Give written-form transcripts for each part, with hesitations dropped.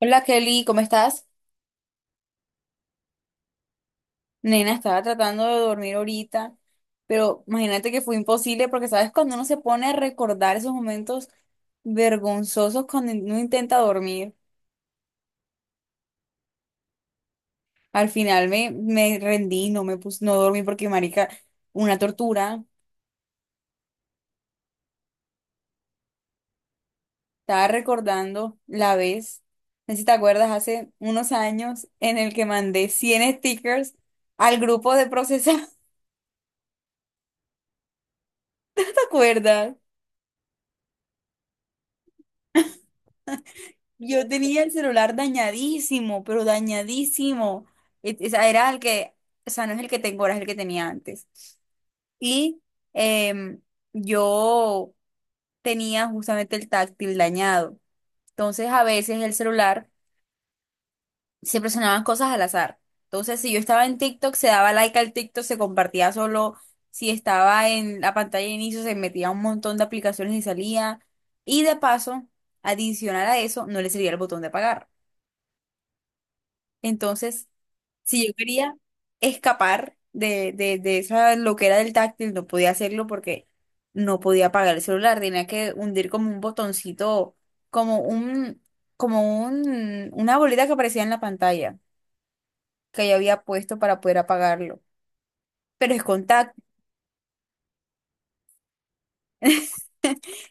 Hola Kelly, ¿cómo estás? Nena, estaba tratando de dormir ahorita, pero imagínate que fue imposible porque sabes cuando uno se pone a recordar esos momentos vergonzosos cuando uno intenta dormir, al final me rendí, no dormí porque marica, una tortura. Estaba recordando la vez, no sé si te acuerdas, hace unos años en el que mandé 100 stickers al grupo de procesados. ¿Te acuerdas? Yo tenía el celular dañadísimo, pero dañadísimo. O sea, era el que, o sea, no es el que tengo ahora, es el que tenía antes. Y em, yo tenía justamente el táctil dañado. Entonces, a veces el celular siempre sonaban cosas al azar. Entonces, si yo estaba en TikTok, se daba like al TikTok, se compartía solo. Si estaba en la pantalla de inicio, se metía un montón de aplicaciones y salía. Y de paso, adicional a eso, no le servía el botón de apagar. Entonces, si yo quería escapar de esa loquera del táctil, no podía hacerlo porque no podía apagar el celular. Tenía que hundir como un botoncito, como un, una bolita que aparecía en la pantalla que yo había puesto para poder apagarlo. Pero es contacto.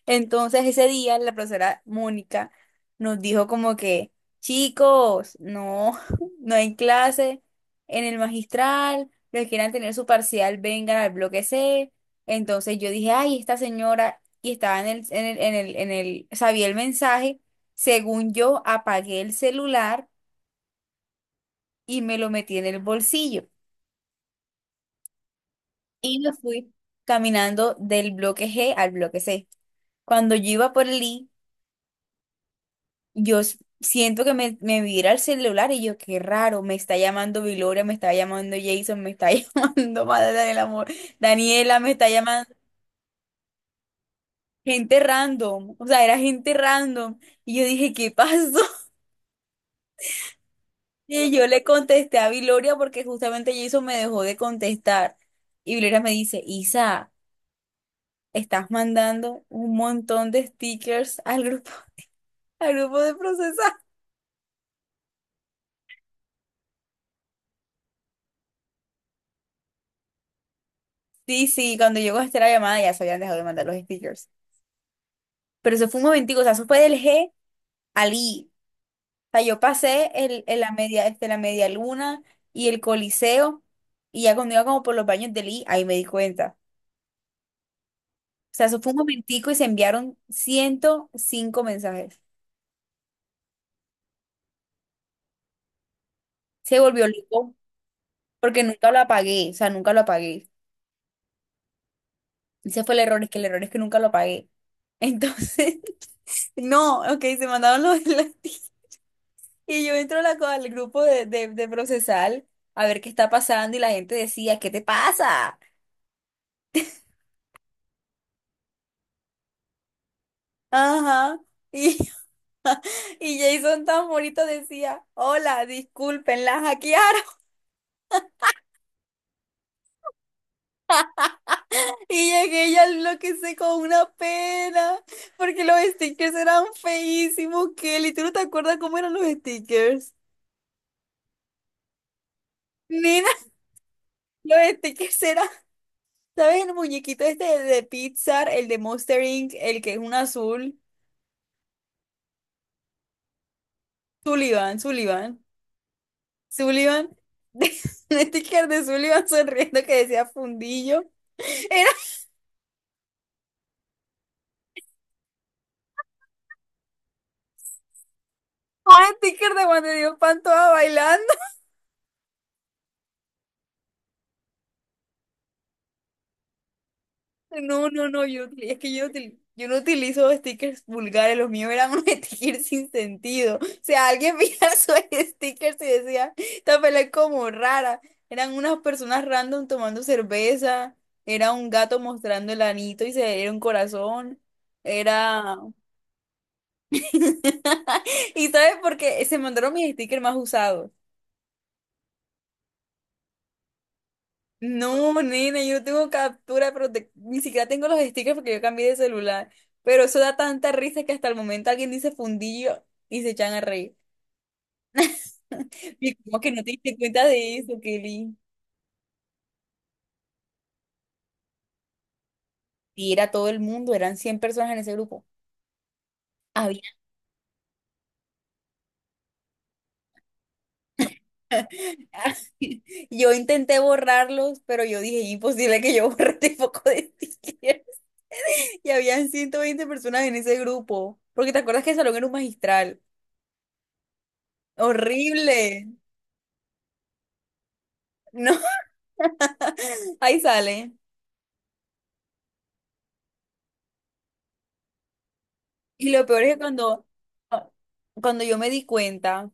Entonces ese día la profesora Mónica nos dijo como que, chicos, no, no hay clase en el magistral, los que quieran tener su parcial vengan al bloque C. Entonces yo dije, ay, esta señora, y estaba en el, sabía el mensaje, según yo apagué el celular y me lo metí en el bolsillo y me fui caminando del bloque G al bloque C. Cuando yo iba por el I, yo siento que me vibra el celular y yo, qué raro, me está llamando Viloria, me está llamando Jason, me está llamando Madre del Amor, Daniela, me está llamando gente random, o sea, era gente random. Y yo dije, ¿qué pasó? Y yo le contesté a Viloria porque justamente Jason me dejó de contestar. Y Viloria me dice, Isa, estás mandando un montón de stickers al grupo de procesar. Sí, sí, cuando llegó a hacer la llamada ya se habían dejado de mandar los stickers. Pero eso fue un momentico, o sea, eso fue del G al I. O sea, yo pasé el la media, la media luna y el Coliseo, y ya cuando iba como por los baños del I, ahí me di cuenta. O sea, eso fue un momentico y se enviaron 105 mensajes. Se volvió loco porque nunca lo apagué, o sea, nunca lo apagué. Ese fue el error, es que el error es que nunca lo apagué. Entonces, no, ok, se mandaron los enlaces y yo entro a al grupo de procesal a ver qué está pasando y la gente decía, ¿qué te pasa? Ajá. Y, y Jason tan bonito decía, hola, disculpen, la hackearon. Y llegué y al bloque sé con una pena, porque los stickers eran feísimos, Kelly. ¿Tú no te acuerdas cómo eran los stickers? Nina, los stickers eran, ¿sabes? El muñequito este de Pixar, el de Monster Inc., el que es un azul. Sullivan, Sullivan, Sullivan. Un sticker de Sullivan sonriendo que decía fundillo. Era un sticker de cuando dio Pantoja bailando. No, no, no, es que yo no utilizo stickers vulgares, los míos eran unos stickers sin sentido. O sea, alguien veía sus stickers y decía, esta pelea es como rara. Eran unas personas random tomando cerveza, era un gato mostrando el anito y se era un corazón, era... ¿Y sabes por qué? Se mandaron mis stickers más usados. No, nena, yo no tengo captura, pero ni siquiera tengo los stickers porque yo cambié de celular. Pero eso da tanta risa que hasta el momento alguien dice fundillo y se echan a reír. Y como que no te diste cuenta de eso, Kelly. Y era todo el mundo, eran 100 personas en ese grupo. Había. Yo intenté borrarlos, pero yo dije, imposible que yo borre este poco de stickers. Y habían 120 personas en ese grupo. Porque te acuerdas que el salón era un magistral. Horrible. No, ahí sale. Y lo peor es que ah, cuando yo me di cuenta,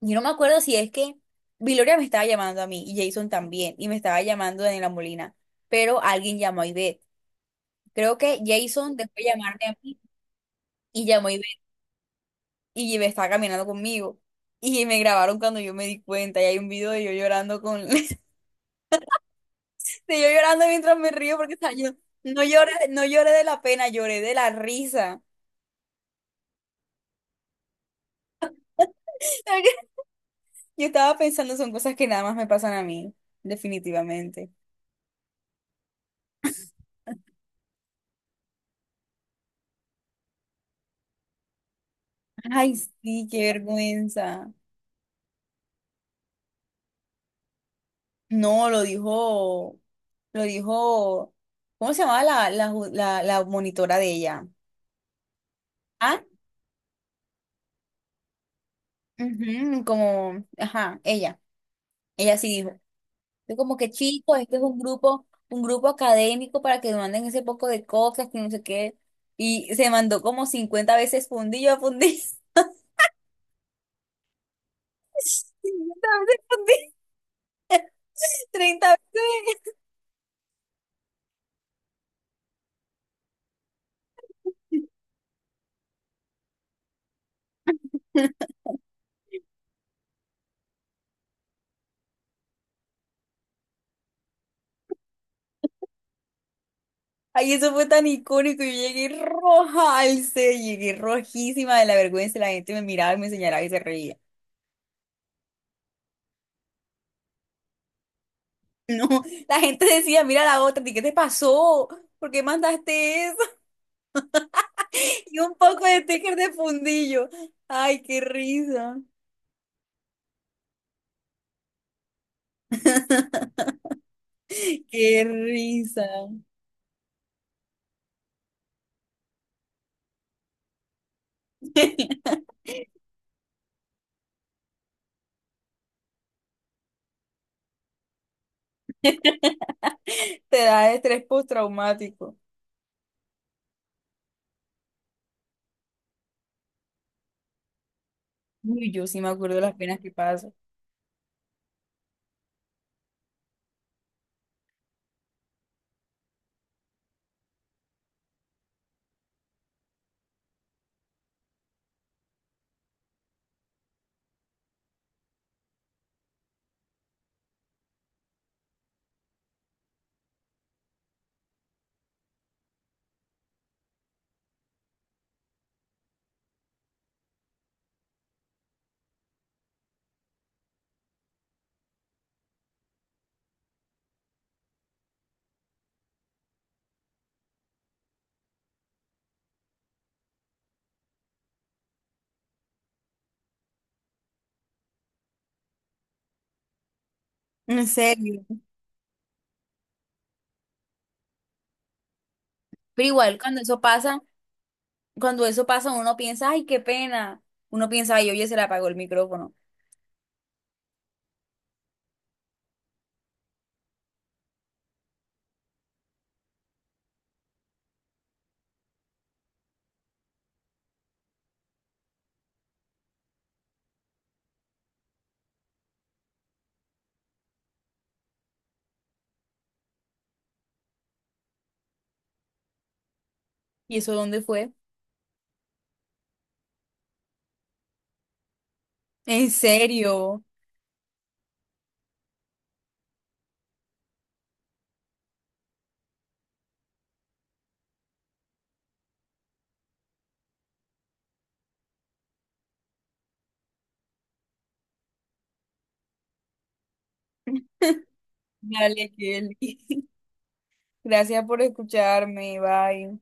yo no me acuerdo si es que Viloria me estaba llamando a mí y Jason también, y me estaba llamando Daniela Molina, pero alguien llamó a Ivette. Creo que Jason dejó de llamarme a mí y llamó a Ivette y Ivette estaba caminando conmigo. Y me grabaron cuando yo me di cuenta y hay un video de yo llorando de yo llorando mientras me río porque estaba yo, no lloré, no lloré de la pena, lloré de la risa. Yo estaba pensando, son cosas que nada más me pasan a mí, definitivamente. Ay, sí, qué vergüenza. No, lo dijo, ¿cómo se llamaba la monitora de ella? Ah, ujú, como, ajá, ella sí dijo. Yo como que chico, este es un grupo académico para que manden ese poco de cosas, que no sé qué. Y se mandó como 50 veces fundillo a fundillo, 50 veces fundillo, 30 veces. Ay, eso fue tan icónico. Yo llegué roja al set, llegué rojísima de la vergüenza. La gente me miraba y me señalaba y se reía. No, la gente decía, mira la otra, y ¿qué te pasó? ¿Por qué mandaste eso? Y un poco de sticker de fundillo. Ay, qué risa, qué risa. Te da estrés postraumático. Uy, yo sí me acuerdo de las penas que paso. En serio. Pero igual, cuando eso pasa, uno piensa, ay, qué pena. Uno piensa, ay, oye, se le apagó el micrófono. ¿Y eso dónde fue? ¿En serio? Dale, Kelly. Gracias por escucharme. Bye.